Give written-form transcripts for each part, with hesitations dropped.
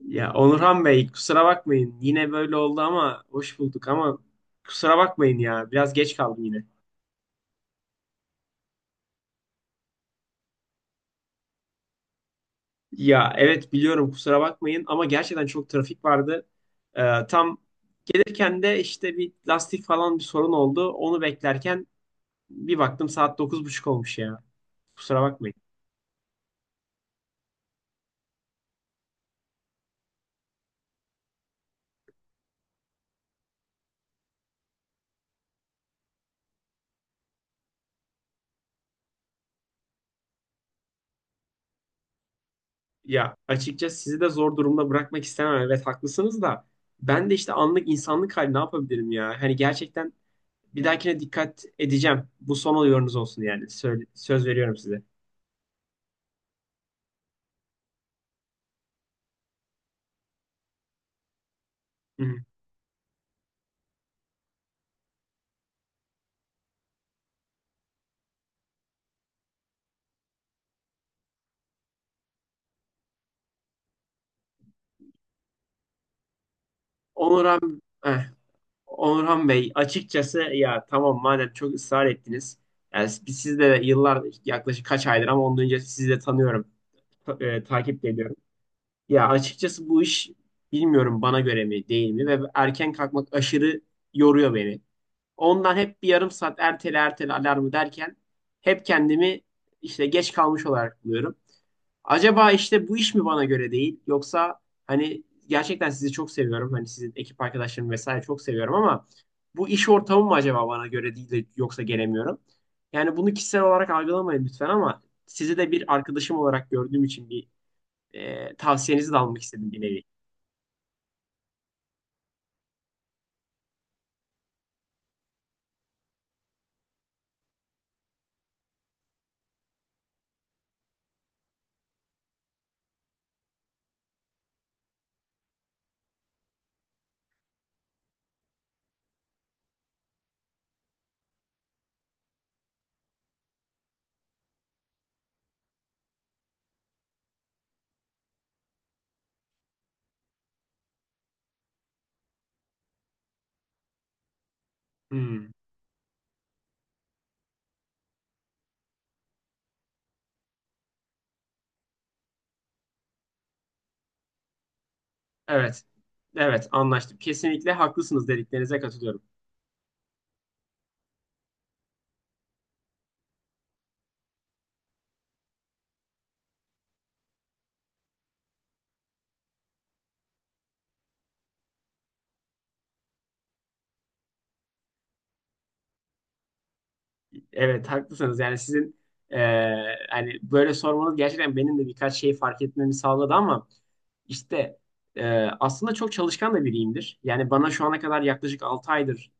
Ya Onurhan Bey kusura bakmayın. Yine böyle oldu ama hoş bulduk ama kusura bakmayın ya. Biraz geç kaldım yine. Ya evet biliyorum kusura bakmayın ama gerçekten çok trafik vardı. Tam gelirken de işte bir lastik falan bir sorun oldu. Onu beklerken bir baktım saat 9:30 olmuş ya. Kusura bakmayın. Ya açıkçası sizi de zor durumda bırakmak istemem. Evet haklısınız da ben de işte anlık insanlık hali ne yapabilirim ya? Hani gerçekten bir dahakine dikkat edeceğim. Bu son oluyorunuz olsun yani. Söz veriyorum size. Hı hı. Onurhan, eh, Onurhan Bey açıkçası ya tamam madem çok ısrar ettiniz. Yani biz sizde yıllar yaklaşık kaç aydır ama ondan önce sizi de tanıyorum. Takip de ediyorum. Ya açıkçası bu iş bilmiyorum bana göre mi değil mi ve erken kalkmak aşırı yoruyor beni. Ondan hep bir yarım saat ertele ertele alarmı derken hep kendimi işte geç kalmış olarak buluyorum. Acaba işte bu iş mi bana göre değil yoksa hani gerçekten sizi çok seviyorum. Hani sizin ekip arkadaşlarımı vesaire çok seviyorum ama bu iş ortamı mı acaba bana göre değil de yoksa gelemiyorum. Yani bunu kişisel olarak algılamayın lütfen ama sizi de bir arkadaşım olarak gördüğüm için bir tavsiyenizi de almak istedim bir nevi. Hmm. Evet. Evet anlaştım. Kesinlikle haklısınız, dediklerinize katılıyorum. Evet haklısınız. Yani sizin hani böyle sormanız gerçekten benim de birkaç şey fark etmemi sağladı ama işte aslında çok çalışkan da biriyimdir. Yani bana şu ana kadar yaklaşık 6 aydır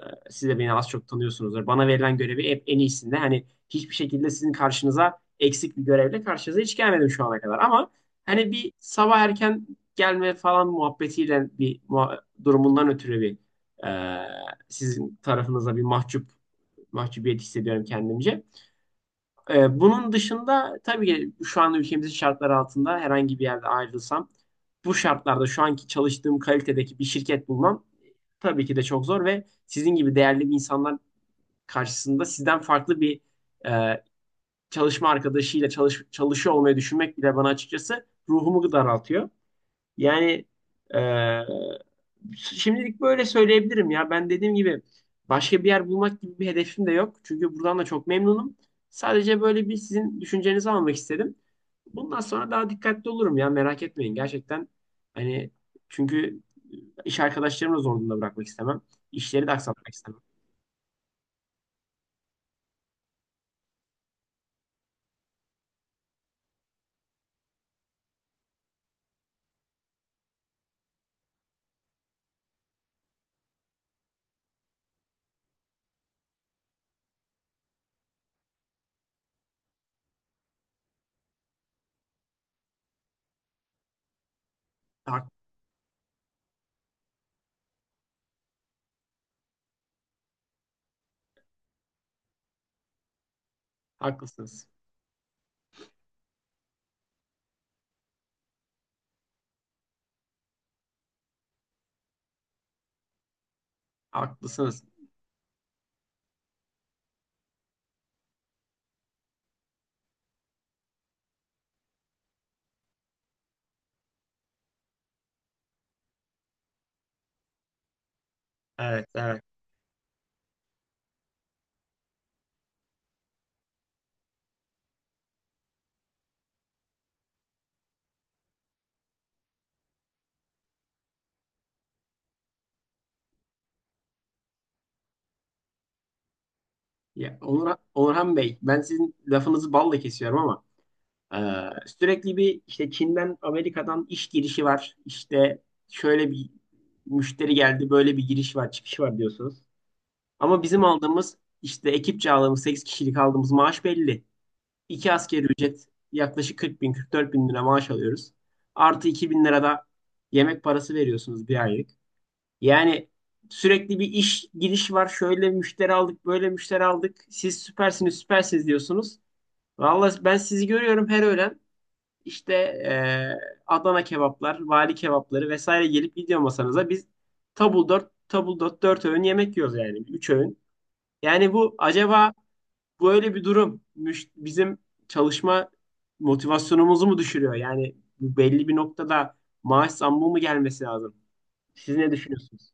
eee, siz de beni az çok tanıyorsunuzdur. Bana verilen görevi hep en iyisinde. Hani hiçbir şekilde sizin karşınıza eksik bir görevle karşınıza hiç gelmedim şu ana kadar. Ama hani bir sabah erken gelme falan muhabbetiyle bir durumundan ötürü bir eee, sizin tarafınıza bir mahcubiyet hissediyorum kendimce. Bunun dışında tabii ki şu an ülkemizin şartları altında herhangi bir yerde ayrılsam bu şartlarda şu anki çalıştığım kalitedeki bir şirket bulmam tabii ki de çok zor ve sizin gibi değerli bir insanlar karşısında sizden farklı bir e, çalışma arkadaşıyla çalışıyor olmayı düşünmek bile bana açıkçası ruhumu daraltıyor. Yani e, şimdilik böyle söyleyebilirim ya. Ben dediğim gibi başka bir yer bulmak gibi bir hedefim de yok. Çünkü buradan da çok memnunum. Sadece böyle bir sizin düşüncenizi almak istedim. Bundan sonra daha dikkatli olurum ya, merak etmeyin. Gerçekten hani çünkü iş arkadaşlarımı da zor durumda bırakmak istemem. İşleri de aksatmak istemem. Hak- Haklısınız. Haklısınız. Evet, evet. Ya, Onurhan Bey ben sizin lafınızı balla kesiyorum ama Ee, sürekli bir işte Çin'den Amerika'dan iş girişi var. İşte şöyle bir müşteri geldi, böyle bir giriş var, çıkış var diyorsunuz. Ama bizim aldığımız işte ekipçe aldığımız 8 kişilik aldığımız maaş belli. İki asgari ücret yaklaşık 40 bin, 44 bin lira maaş alıyoruz. Artı 2 bin lira da yemek parası veriyorsunuz bir aylık. Yani sürekli bir iş giriş var. Şöyle müşteri aldık, böyle müşteri aldık. Siz süpersiniz, süpersiniz diyorsunuz. Vallahi ben sizi görüyorum her öğlen. İşte Adana kebaplar, vali kebapları vesaire gelip gidiyor masanıza. Biz tabul 4 tabul 4 4 öğün yemek yiyoruz yani. Üç öğün. Yani bu acaba böyle bir durum bizim çalışma motivasyonumuzu mu düşürüyor? Yani bu belli bir noktada maaş zammı mı gelmesi lazım? Siz ne düşünüyorsunuz?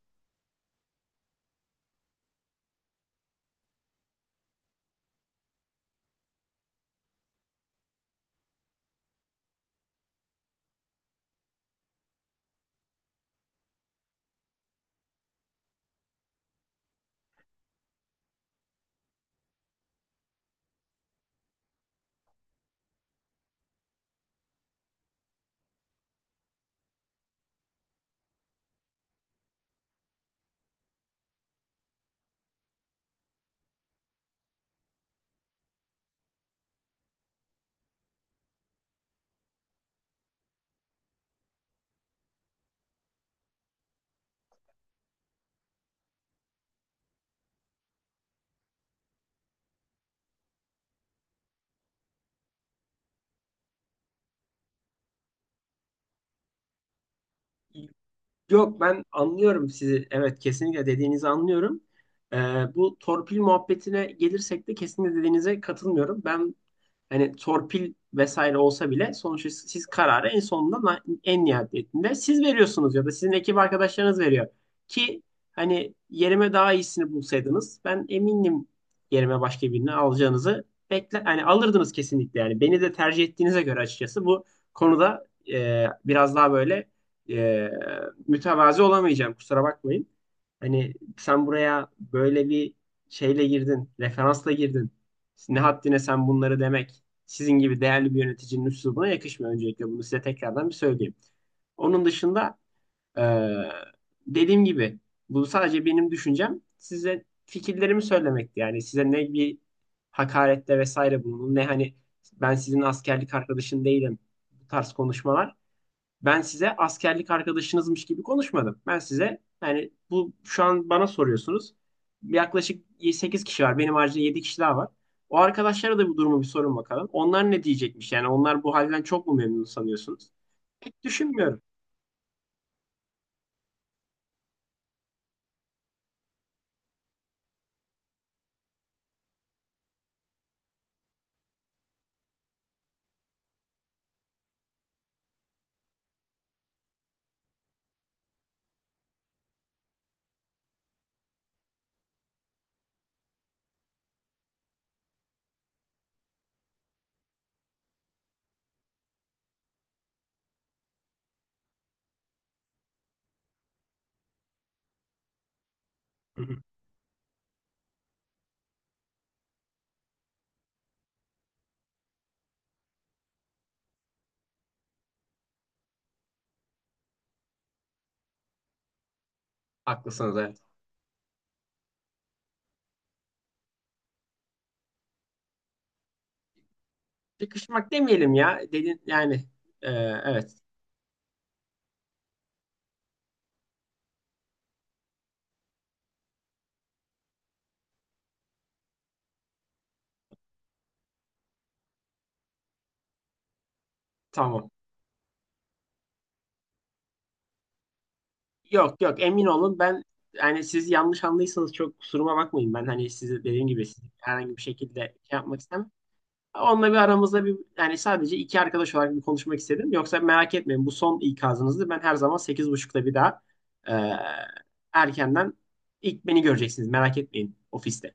Yok, ben anlıyorum sizi. Evet kesinlikle dediğinizi anlıyorum. Ee, Bu torpil muhabbetine gelirsek de kesinlikle dediğinize katılmıyorum. Ben hani torpil vesaire olsa bile sonuçta siz kararı en sonunda en nihayetinde siz veriyorsunuz ya da sizin ekip arkadaşlarınız veriyor. Ki hani yerime daha iyisini bulsaydınız ben eminim yerime başka birini alacağınızı bekle hani alırdınız kesinlikle, yani beni de tercih ettiğinize göre açıkçası bu konuda biraz daha böyle e, mütevazi olamayacağım, kusura bakmayın. Hani sen buraya böyle bir şeyle girdin, referansla girdin. Ne haddine sen bunları demek sizin gibi değerli bir yöneticinin üslubuna yakışmıyor. Öncelikle bunu size tekrardan bir söyleyeyim. Onun dışında eee, dediğim gibi bu sadece benim düşüncem. Size fikirlerimi söylemekti. Yani size ne bir hakarette vesaire bulundum ne hani ben sizin askerlik arkadaşın değilim bu tarz konuşmalar. Ben size askerlik arkadaşınızmış gibi konuşmadım. Ben size yani bu şu an bana soruyorsunuz. Yaklaşık 8 kişi var. Benim haricinde 7 kişi daha var. O arkadaşlara da bu durumu bir sorun bakalım. Onlar ne diyecekmiş? Yani onlar bu halden çok mu memnun sanıyorsunuz? Pek düşünmüyorum. Hı hı. Haklısınız evet. Sıkışmak demeyelim ya. Dedin yani e, evet tamam. Yok yok, emin olun ben yani, siz yanlış anlıysanız çok kusuruma bakmayın. Ben hani size dediğim gibi sizi herhangi bir şekilde şey yapmak istemem. Onunla bir aramızda bir yani sadece iki arkadaş olarak bir konuşmak istedim. Yoksa merak etmeyin, bu son ikazınızdı. Ben her zaman 8:30'da bir daha e, erkenden ilk beni göreceksiniz. Merak etmeyin ofiste.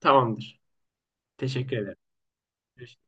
Tamamdır. Teşekkür ederim. Görüşürüz.